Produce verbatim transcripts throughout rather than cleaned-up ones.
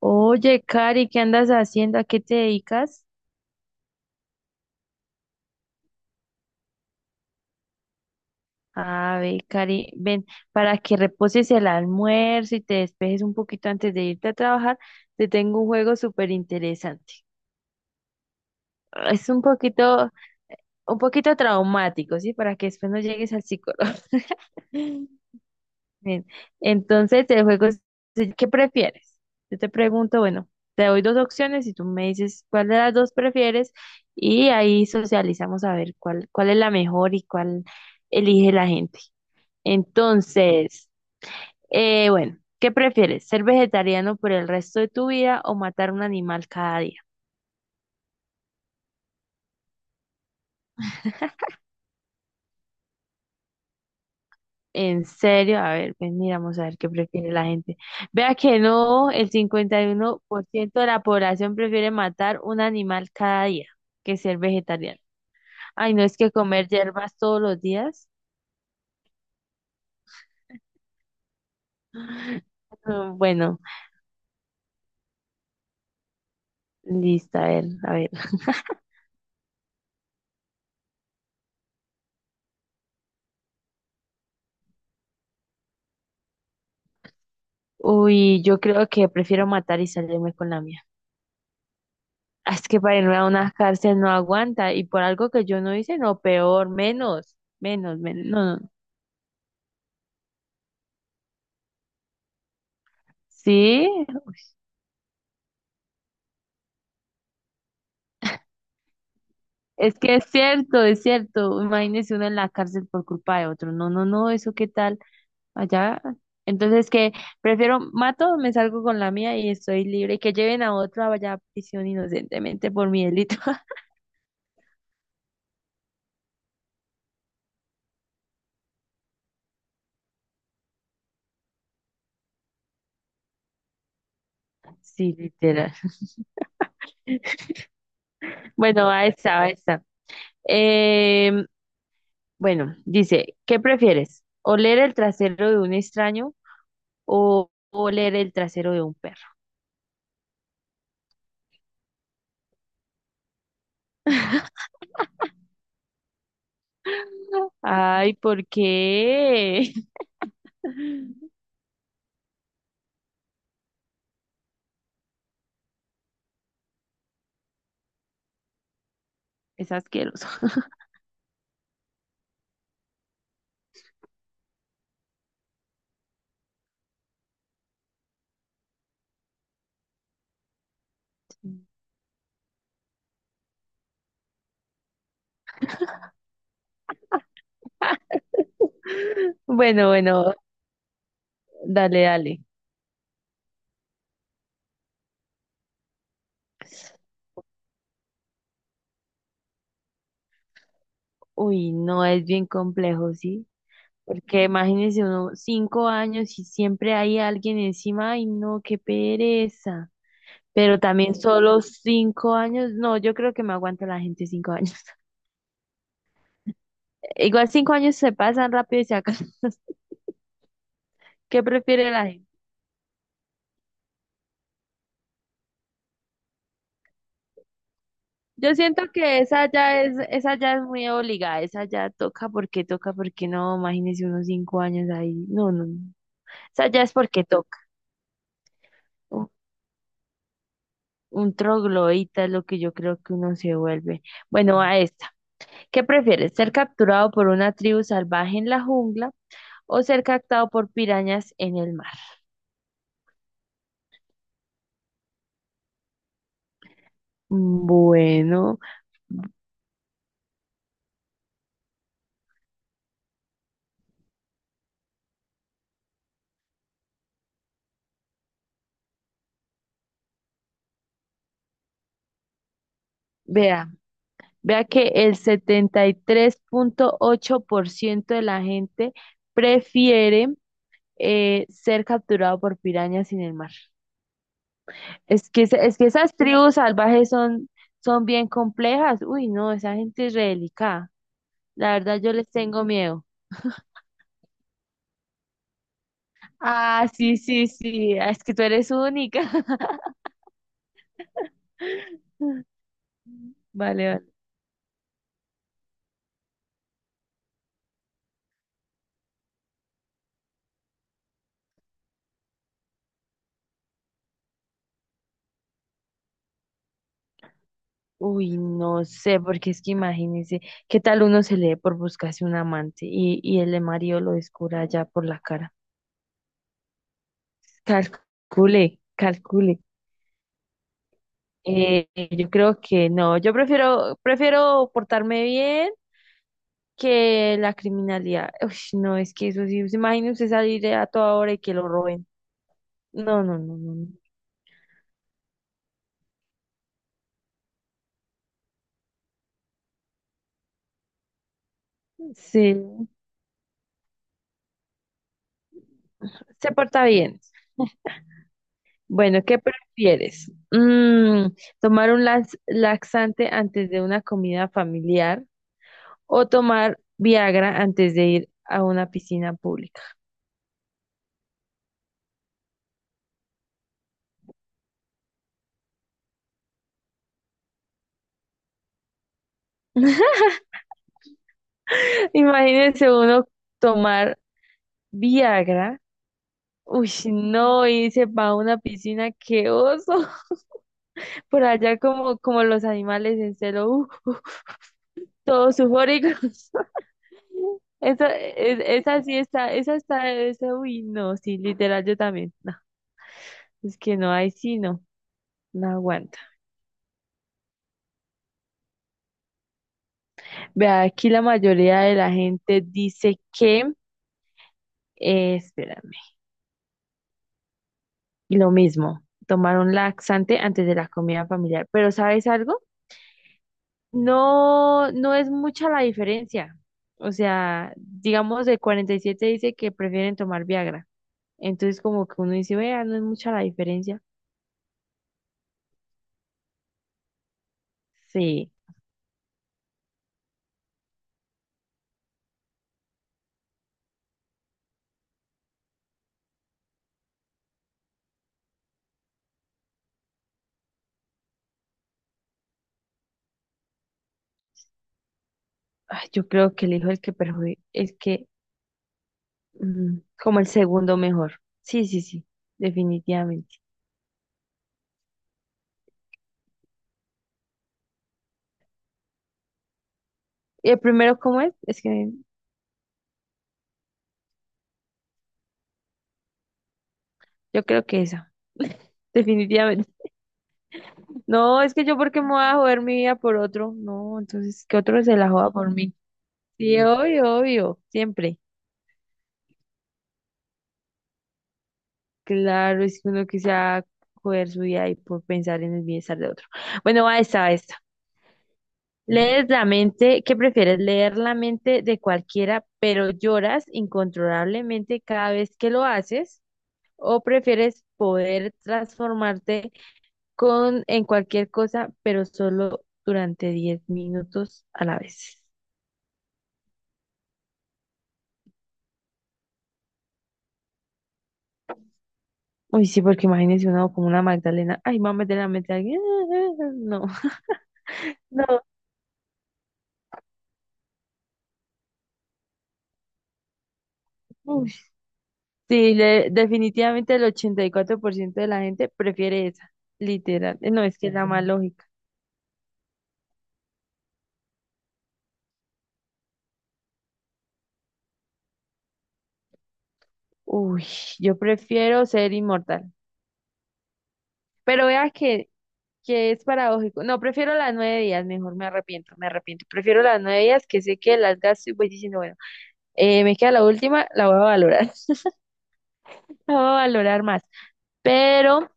Oye, Cari, ¿qué andas haciendo? ¿A qué te dedicas? A ver, Cari, ven, para que reposes el almuerzo y te despejes un poquito antes de irte a trabajar, te tengo un juego súper interesante. Es un poquito, un poquito traumático, ¿sí? Para que después no llegues al psicólogo. Bien. Entonces, el juego es, ¿qué prefieres? Yo te pregunto, bueno, te doy dos opciones y tú me dices cuál de las dos prefieres y ahí socializamos a ver cuál, cuál es la mejor y cuál elige la gente. Entonces, eh, bueno, ¿qué prefieres? ¿Ser vegetariano por el resto de tu vida o matar un animal cada día? En serio, a ver, pues miramos a ver qué prefiere la gente. Vea que no, el cincuenta y uno por ciento de la población prefiere matar un animal cada día que ser vegetariano. Ay, no es que comer hierbas todos los días. Bueno, listo, a ver, a ver. Uy, yo creo que prefiero matar y salirme con la mía. Ah, es que para irme a una cárcel no aguanta y por algo que yo no hice, no, peor, menos, menos, menos, no, no. ¿Sí? Es que es cierto, es cierto. Imagínese uno en la cárcel por culpa de otro. No, no, no, eso qué tal allá. Entonces, que prefiero mato, me salgo con la mía y estoy libre. Que lleven a otro allá a prisión inocentemente por mi delito. Sí, literal. Bueno, ahí está, ahí está. Em, bueno, dice, ¿qué prefieres? ¿Oler el trasero de un extraño o oler el trasero de un perro? Ay, ¿por qué? Es asqueroso. Bueno, bueno, dale, dale. Uy, no es bien complejo, ¿sí? Porque imagínense uno cinco años y siempre hay alguien encima, ay no, qué pereza. Pero también solo cinco años, no, yo creo que me aguanta la gente cinco años. Igual cinco años se pasan rápido y se acaban. ¿Qué prefiere la gente? Yo siento que esa ya es, esa ya es muy obligada, esa ya toca porque toca, porque no, imagínese unos cinco años ahí. No, no, no. Esa ya es porque toca. Un troglodita es lo que yo creo que uno se vuelve. Bueno, a esta. ¿Qué prefieres? ¿Ser capturado por una tribu salvaje en la jungla o ser captado por pirañas en el mar? Mm, Bueno, vea, vea que el setenta y tres punto ocho por ciento de la gente prefiere eh, ser capturado por pirañas en el mar. Es que, es que esas tribus salvajes son, son bien complejas. Uy, no, esa gente es re delicada. La verdad, yo les tengo miedo. Ah, sí, sí, sí. Ah, es que tú eres única. Vale, vale. Uy, no sé, porque es que imagínese, ¿qué tal uno se lee por buscarse un amante y, y el de Mario lo descubra ya por la cara? Calcule, calcule. Eh, yo creo que no, yo prefiero, prefiero portarme bien que la criminalidad. Uy, no, es que eso sí, imagínese salir a toda hora y que lo roben. No, no, no, no, no. Sí, se porta bien. Bueno, ¿qué prefieres? Mm, ¿tomar un lax- laxante antes de una comida familiar o tomar Viagra antes de ir a una piscina pública? Imagínense uno tomar Viagra. Uy, no, y se va a una piscina, qué oso. Por allá como, como los animales en celo, uh, todos sufóricos. Esa, es- esa sí está, esa está, esa, uy, no, sí, literal, yo también. No, es que no, ahí sí no, no aguanto. Vea, aquí la mayoría de la gente dice que, eh, espérame, y lo mismo, tomar un laxante antes de la comida familiar. Pero ¿sabes algo? No, no es mucha la diferencia. O sea, digamos de siete dice que prefieren tomar Viagra. Entonces como que uno dice, vea, no es mucha la diferencia. Sí, ay, yo creo que elijo el que perjudica, es que mm, como el segundo mejor. Sí, sí, sí, definitivamente. ¿Y el primero cómo es? Es que yo creo que esa. Definitivamente. No, es que yo porque me voy a joder mi vida por otro. No, entonces que otro se la joda por mí. Sí, obvio, obvio, siempre. Claro, es que uno quisiera joder su vida y por pensar en el bienestar de otro. Bueno, va esta, va esta. Lees la mente, ¿qué prefieres? Leer la mente de cualquiera, pero lloras incontrolablemente cada vez que lo haces, o prefieres poder transformarte con en cualquier cosa, pero solo durante diez minutos a la vez. Uy, sí, porque imagínense una como una Magdalena. Ay, mamá, de la mete a alguien. No, no. Uy. Sí, le- definitivamente el ochenta y cuatro por ciento de la gente prefiere esa. Literal. Eh, No, es que es la más lógica. Uy, yo prefiero ser inmortal. Pero vea que, que es paradójico. No, prefiero las nueve días, mejor me arrepiento, me arrepiento. Prefiero las nueve días que sé que las gasto y voy diciendo, bueno, eh, me queda la última, la voy a valorar. La voy a valorar más. Pero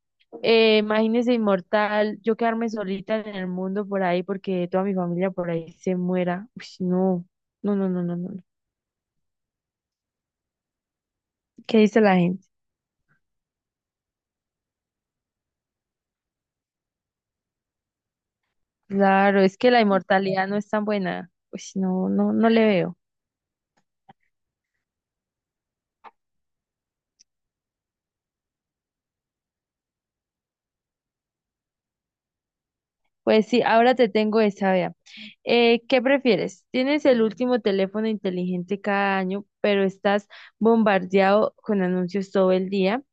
eh, imagínese inmortal, yo quedarme solita en el mundo por ahí porque toda mi familia por ahí se muera. Uy, no, no, no, no, no, no, no. ¿Qué dice la gente? Claro, es que la inmortalidad no es tan buena. Pues no, no, no le veo. Pues sí, ahora te tengo esa, vea. Eh, ¿qué prefieres? Tienes el último teléfono inteligente cada año, pero estás bombardeado con anuncios todo el día.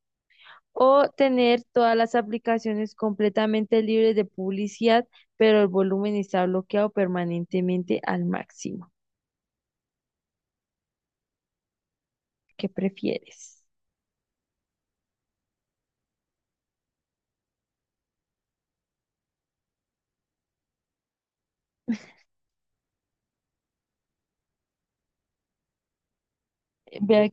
O tener todas las aplicaciones completamente libres de publicidad, pero el volumen está bloqueado permanentemente al máximo. ¿Qué prefieres? Vea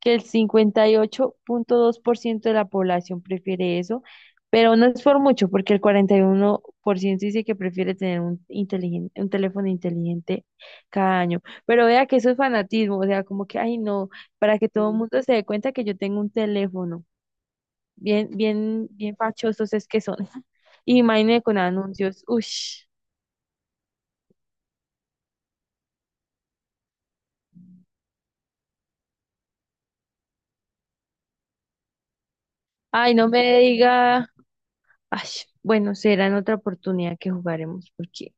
que el cincuenta y ocho punto dos por ciento de la población prefiere eso, pero no es por mucho, porque el cuarenta y uno por ciento dice que prefiere tener un, inteligen- un teléfono inteligente cada año. Pero vea que eso es fanatismo, o sea, como que, ay, no, para que todo el, sí, mundo se dé cuenta que yo tengo un teléfono. Bien, bien, bien fachosos es que son. Imagínate con anuncios. Ush. Ay, no me diga. Ay, bueno, será en otra oportunidad que jugaremos, porque